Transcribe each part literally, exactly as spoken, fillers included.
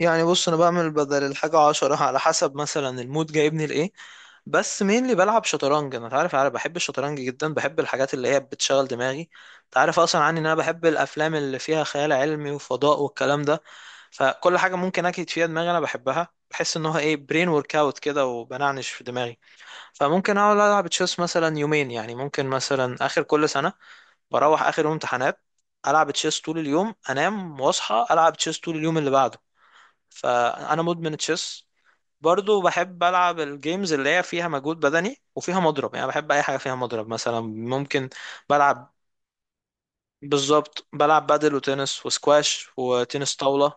يعني بص انا بعمل بدل الحاجة عشرة على حسب مثلا المود جايبني لايه. بس مين اللي بلعب شطرنج؟ انا تعرف انا بحب الشطرنج جدا، بحب الحاجات اللي هي بتشغل دماغي. تعرف اصلا عني ان انا بحب الافلام اللي فيها خيال علمي وفضاء والكلام ده. فكل حاجة ممكن اكيد فيها دماغي انا بحبها، بحس ان هو ايه، برين ورك اوت كده وبنعنش في دماغي. فممكن اقعد العب تشيس مثلا يومين، يعني ممكن مثلا اخر كل سنة بروح اخر يوم امتحانات، العب تشيس طول اليوم، انام واصحى العب تشيس طول اليوم اللي بعده، فانا مدمن تشيس. برضو بحب العب الجيمز اللي هي فيها مجهود بدني وفيها مضرب، يعني بحب اي حاجه فيها مضرب. مثلا ممكن بلعب. بالظبط بلعب بادل وتنس وسكواش وتنس طاوله.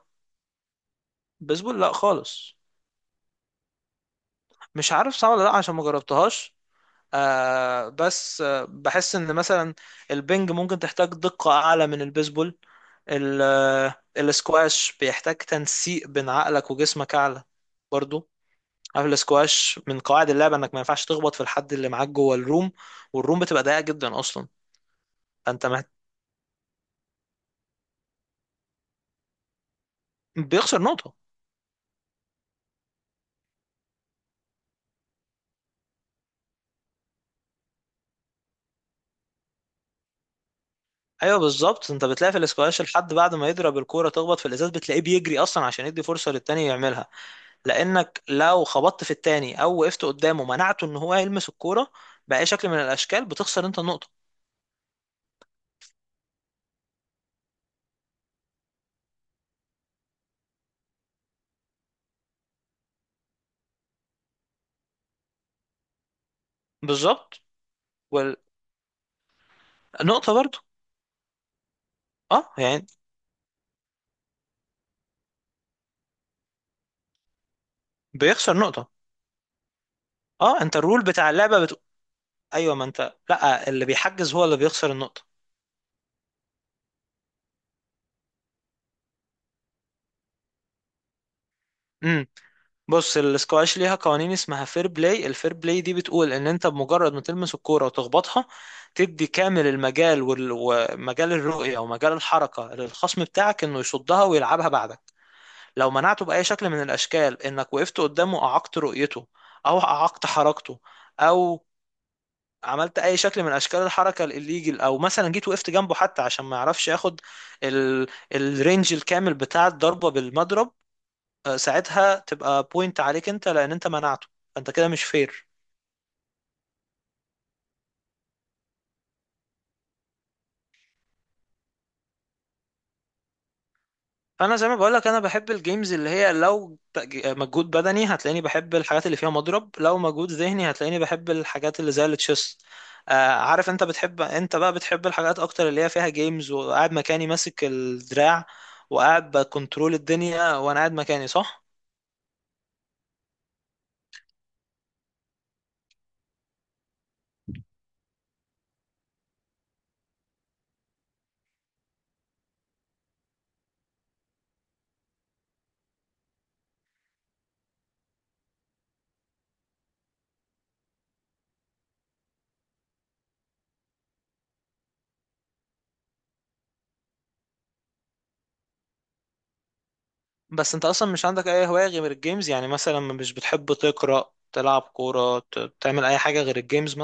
بيسبول لا خالص. مش عارف صح ولا لا عشان ما جربتهاش. آه بس آه بحس ان مثلا البنج ممكن تحتاج دقه اعلى من البيسبول. ال- آه، السكواش بيحتاج تنسيق بين عقلك وجسمك اعلى برضو. عارف الاسكواش من قواعد اللعبه انك ما ينفعش تخبط في الحد اللي معاك جوه الروم، والروم بتبقى ضيقه جدا اصلا. فانت مه... بيخسر نقطه. ايوه بالظبط، انت بتلاقي في الاسكواش الحد بعد ما يضرب الكوره تخبط في الازاز، بتلاقيه بيجري اصلا عشان يدي فرصه للتاني يعملها. لانك لو خبطت في التاني او وقفت قدامه منعته ان هو يلمس الكوره باي شكل من الاشكال بتخسر انت النقطه. بالظبط، والنقطه برضو. اه يعني بيخسر نقطه. اه، انت الرول بتاع اللعبه بت... ايوه ما انت لا، اللي بيحجز هو اللي بيخسر النقطه. إمم. بص الاسكواش ليها قوانين اسمها فير بلاي. الفير بلاي دي بتقول ان انت بمجرد ما تلمس الكوره وتخبطها تدي كامل المجال وال- ومجال الرؤيه ومجال الحركه للخصم بتاعك انه يصدها ويلعبها بعدك. لو منعته باي شكل من الاشكال، انك وقفت قدامه اعقت رؤيته او اعقت حركته، او عملت اي شكل من اشكال الحركه الليجل، او مثلا جيت وقفت جنبه حتى عشان ما يعرفش ياخد ال... الرينج الكامل بتاع الضربه بالمضرب. آه، ساعتها تبقى بوينت عليك انت لان انت منعته، فانت كده مش فير. فانا زي ما بقول لك انا بحب الجيمز اللي هي لو تج- مجهود بدني هتلاقيني بحب الحاجات اللي فيها مضرب، لو مجهود ذهني هتلاقيني بحب الحاجات اللي زي التشيس. آه عارف انت بتحب، انت بقى بتحب الحاجات اكتر اللي هي فيها جيمز وقاعد مكاني ماسك الدراع وقاعد بكنترول الدنيا وانا قاعد مكاني صح؟ بس انت اصلا مش عندك اي هواية غير الجيمز؟ يعني مثلا مش بتحب تقرأ تلعب كورة ت- تعمل اي حاجة غير الجيمز؟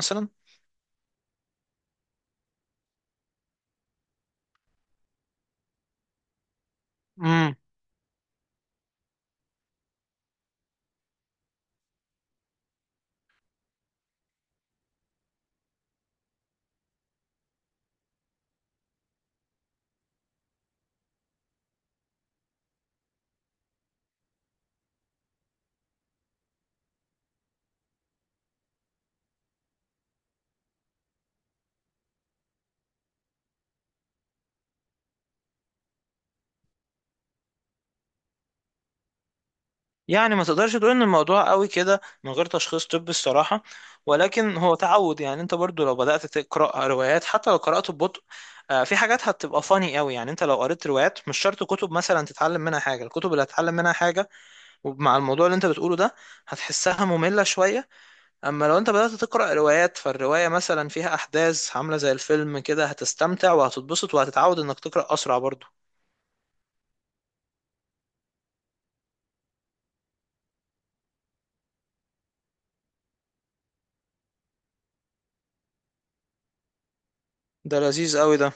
مثلا، يعني ما تقدرش تقول ان الموضوع قوي كده من غير تشخيص طبي الصراحة، ولكن هو تعود. يعني انت برضو لو بدأت تقرأ روايات حتى لو قرأت ببطء آه، في حاجات هتبقى فاني قوي، يعني انت لو قريت روايات مش شرط كتب مثلا تتعلم منها حاجة، الكتب اللي هتتعلم منها حاجة ومع الموضوع اللي انت بتقوله ده هتحسها مملة شوية. اما لو انت بدأت تقرأ روايات، فالرواية مثلا فيها احداث عاملة زي الفيلم كده، هتستمتع وهتتبسط وهتتعود انك تقرأ اسرع برضو. ده لذيذ قوي ده.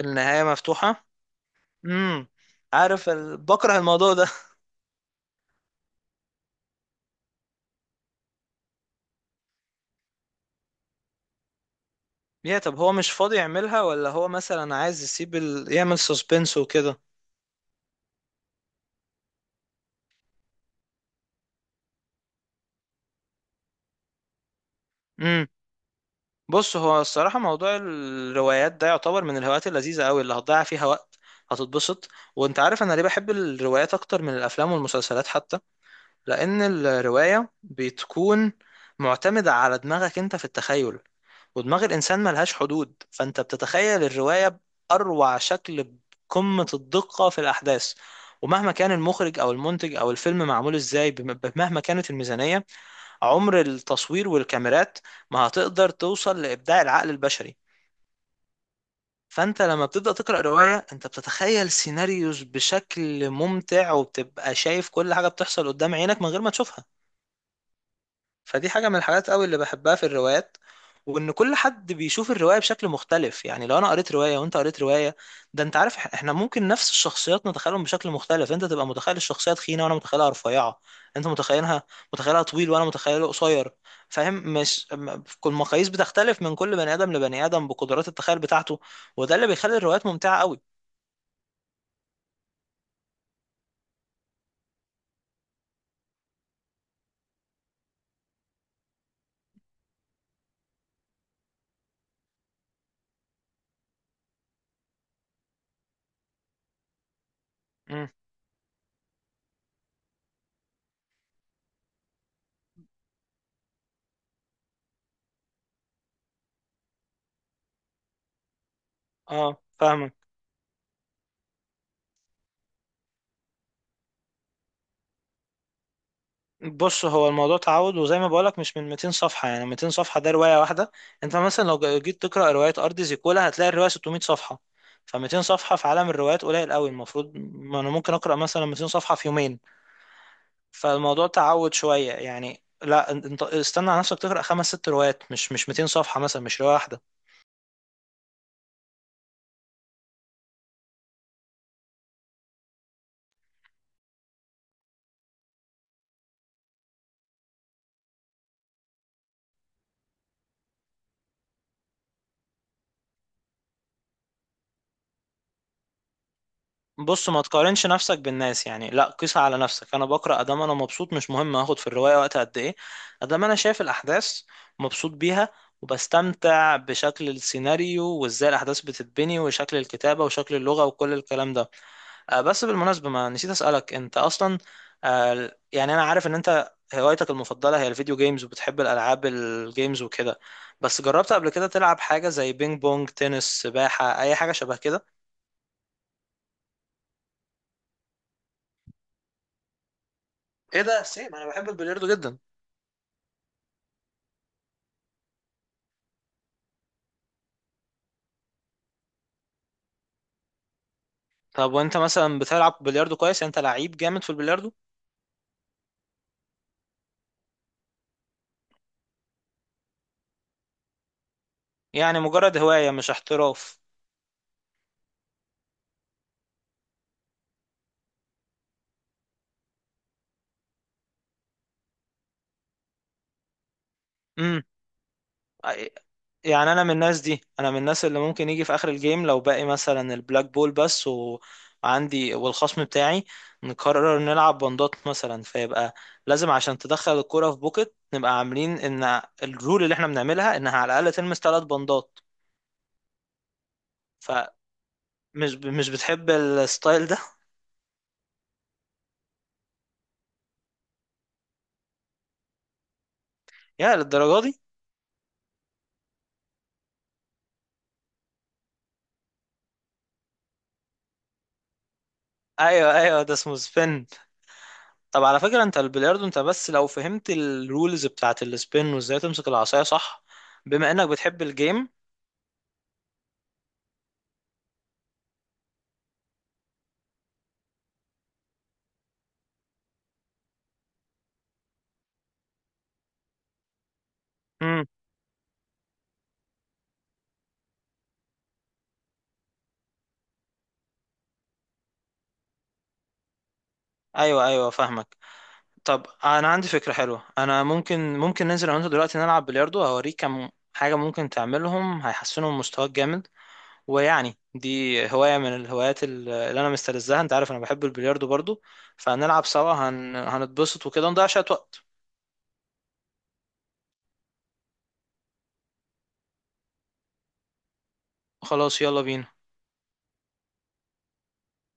النهاية مفتوحة. امم. عارف ال... بكره الموضوع ده يا طب هو مش فاضي يعملها ولا هو مثلا عايز يسيب ال... يعمل سسبنس وكده؟ امم. بص هو الصراحه موضوع الروايات ده يعتبر من الهوايات اللذيذه قوي اللي هتضيع فيها وقت هتتبسط. وانت عارف انا ليه بحب الروايات اكتر من الافلام والمسلسلات حتى؟ لان الروايه بتكون معتمده على دماغك انت في التخيل، ودماغ الإنسان ملهاش حدود، فأنت بتتخيل الرواية بأروع شكل، بقمة الدقة في الأحداث. ومهما كان المخرج أو المنتج أو الفيلم معمول إزاي، بم- مهما كانت الميزانية، عمر التصوير والكاميرات ما هتقدر توصل لإبداع العقل البشري. فأنت لما بتبدأ تقرأ رواية أنت بتتخيل سيناريوز بشكل ممتع، وبتبقى شايف كل حاجة بتحصل قدام عينك من غير ما تشوفها. فدي حاجة من الحاجات قوي اللي بحبها في الروايات، وان كل حد بيشوف الرواية بشكل مختلف. يعني لو انا قريت رواية وانت قريت رواية، ده انت عارف، إح- احنا ممكن نفس الشخصيات نتخيلهم بشكل مختلف، انت تبقى متخيل الشخصية تخينة وانا متخيلها رفيعة، انت متخيلها متخيلها طويل وانا متخيله قصير. فاهم؟ مش م- كل المقاييس بتختلف من كل بني ادم لبني ادم بقدرات التخيل بتاعته، وده اللي بيخلي الروايات ممتعة قوي. امم. اه فاهمك. بص هو الموضوع تعود وزي ما بقولك مش من مئتين صفحة، يعني مئتين صفحة ده رواية واحدة. انت مثلا لو جيت تقرأ رواية أرض زيكولا هتلاقي الرواية ستمية صفحة، ف ميتين صفحة في عالم الروايات قليل قوي. المفروض ما انا ممكن أقرأ مثلا ميتين صفحة في يومين. فالموضوع تعود شوية، يعني لا، انت استنى على نفسك تقرأ خمس ست روايات، مش مش ميتين صفحة مثلا، مش رواية واحدة. بص ما تقارنش نفسك بالناس، يعني لا، قيس على نفسك. انا بقرا ادام انا مبسوط مش مهم هاخد في الروايه وقت قد ايه، ادام انا شايف الاحداث مبسوط بيها وبستمتع بشكل السيناريو وازاي الاحداث بتتبني وشكل الكتابه وشكل اللغه وكل الكلام ده. آه، بس بالمناسبه ما نسيت اسالك انت اصلا، آه، يعني انا عارف ان انت هوايتك المفضله هي الفيديو جيمز وبتحب الالعاب الجيمز وكده، بس جربت قبل كده تلعب حاجه زي بينج بونج تنس سباحه اي حاجه شبه كده؟ ايه ده سيم! انا بحب البلياردو جدا. طب وانت مثلا بتلعب بلياردو كويس؟ يعني انت لعيب جامد في البلياردو؟ يعني مجرد هواية مش احتراف؟ امم. يعني انا من الناس دي، انا من الناس اللي ممكن يجي في اخر الجيم لو باقي مثلا البلاك بول بس، وعندي والخصم بتاعي نقرر نلعب بندات مثلا، فيبقى لازم عشان تدخل الكرة في بوكت نبقى عاملين ان الرول اللي احنا بنعملها انها على الاقل تلمس ثلاث بندات. فمش مش بتحب الستايل ده؟ يا للدرجة دي! ايوه ايوه ده اسمه سبين. طب على فكرة انت البلياردو، انت بس لو فهمت الرولز بتاعت السبين وازاي تمسك العصاية صح، بما انك بتحب الجيم. امم. ايوه ايوه فاهمك. طب انا عندي فكرة حلوة، انا ممكن ممكن ننزل انا وانت دلوقتي نلعب بلياردو هوريك كم حاجة ممكن تعملهم هيحسنوا من مستواك جامد، ويعني دي هواية من الهوايات ال- اللي انا مستلذها، انت عارف انا بحب البلياردو برضو، فهنلعب سوا هن... هنتبسط وكده نضيع شوية وقت. خلاص يلا بينا.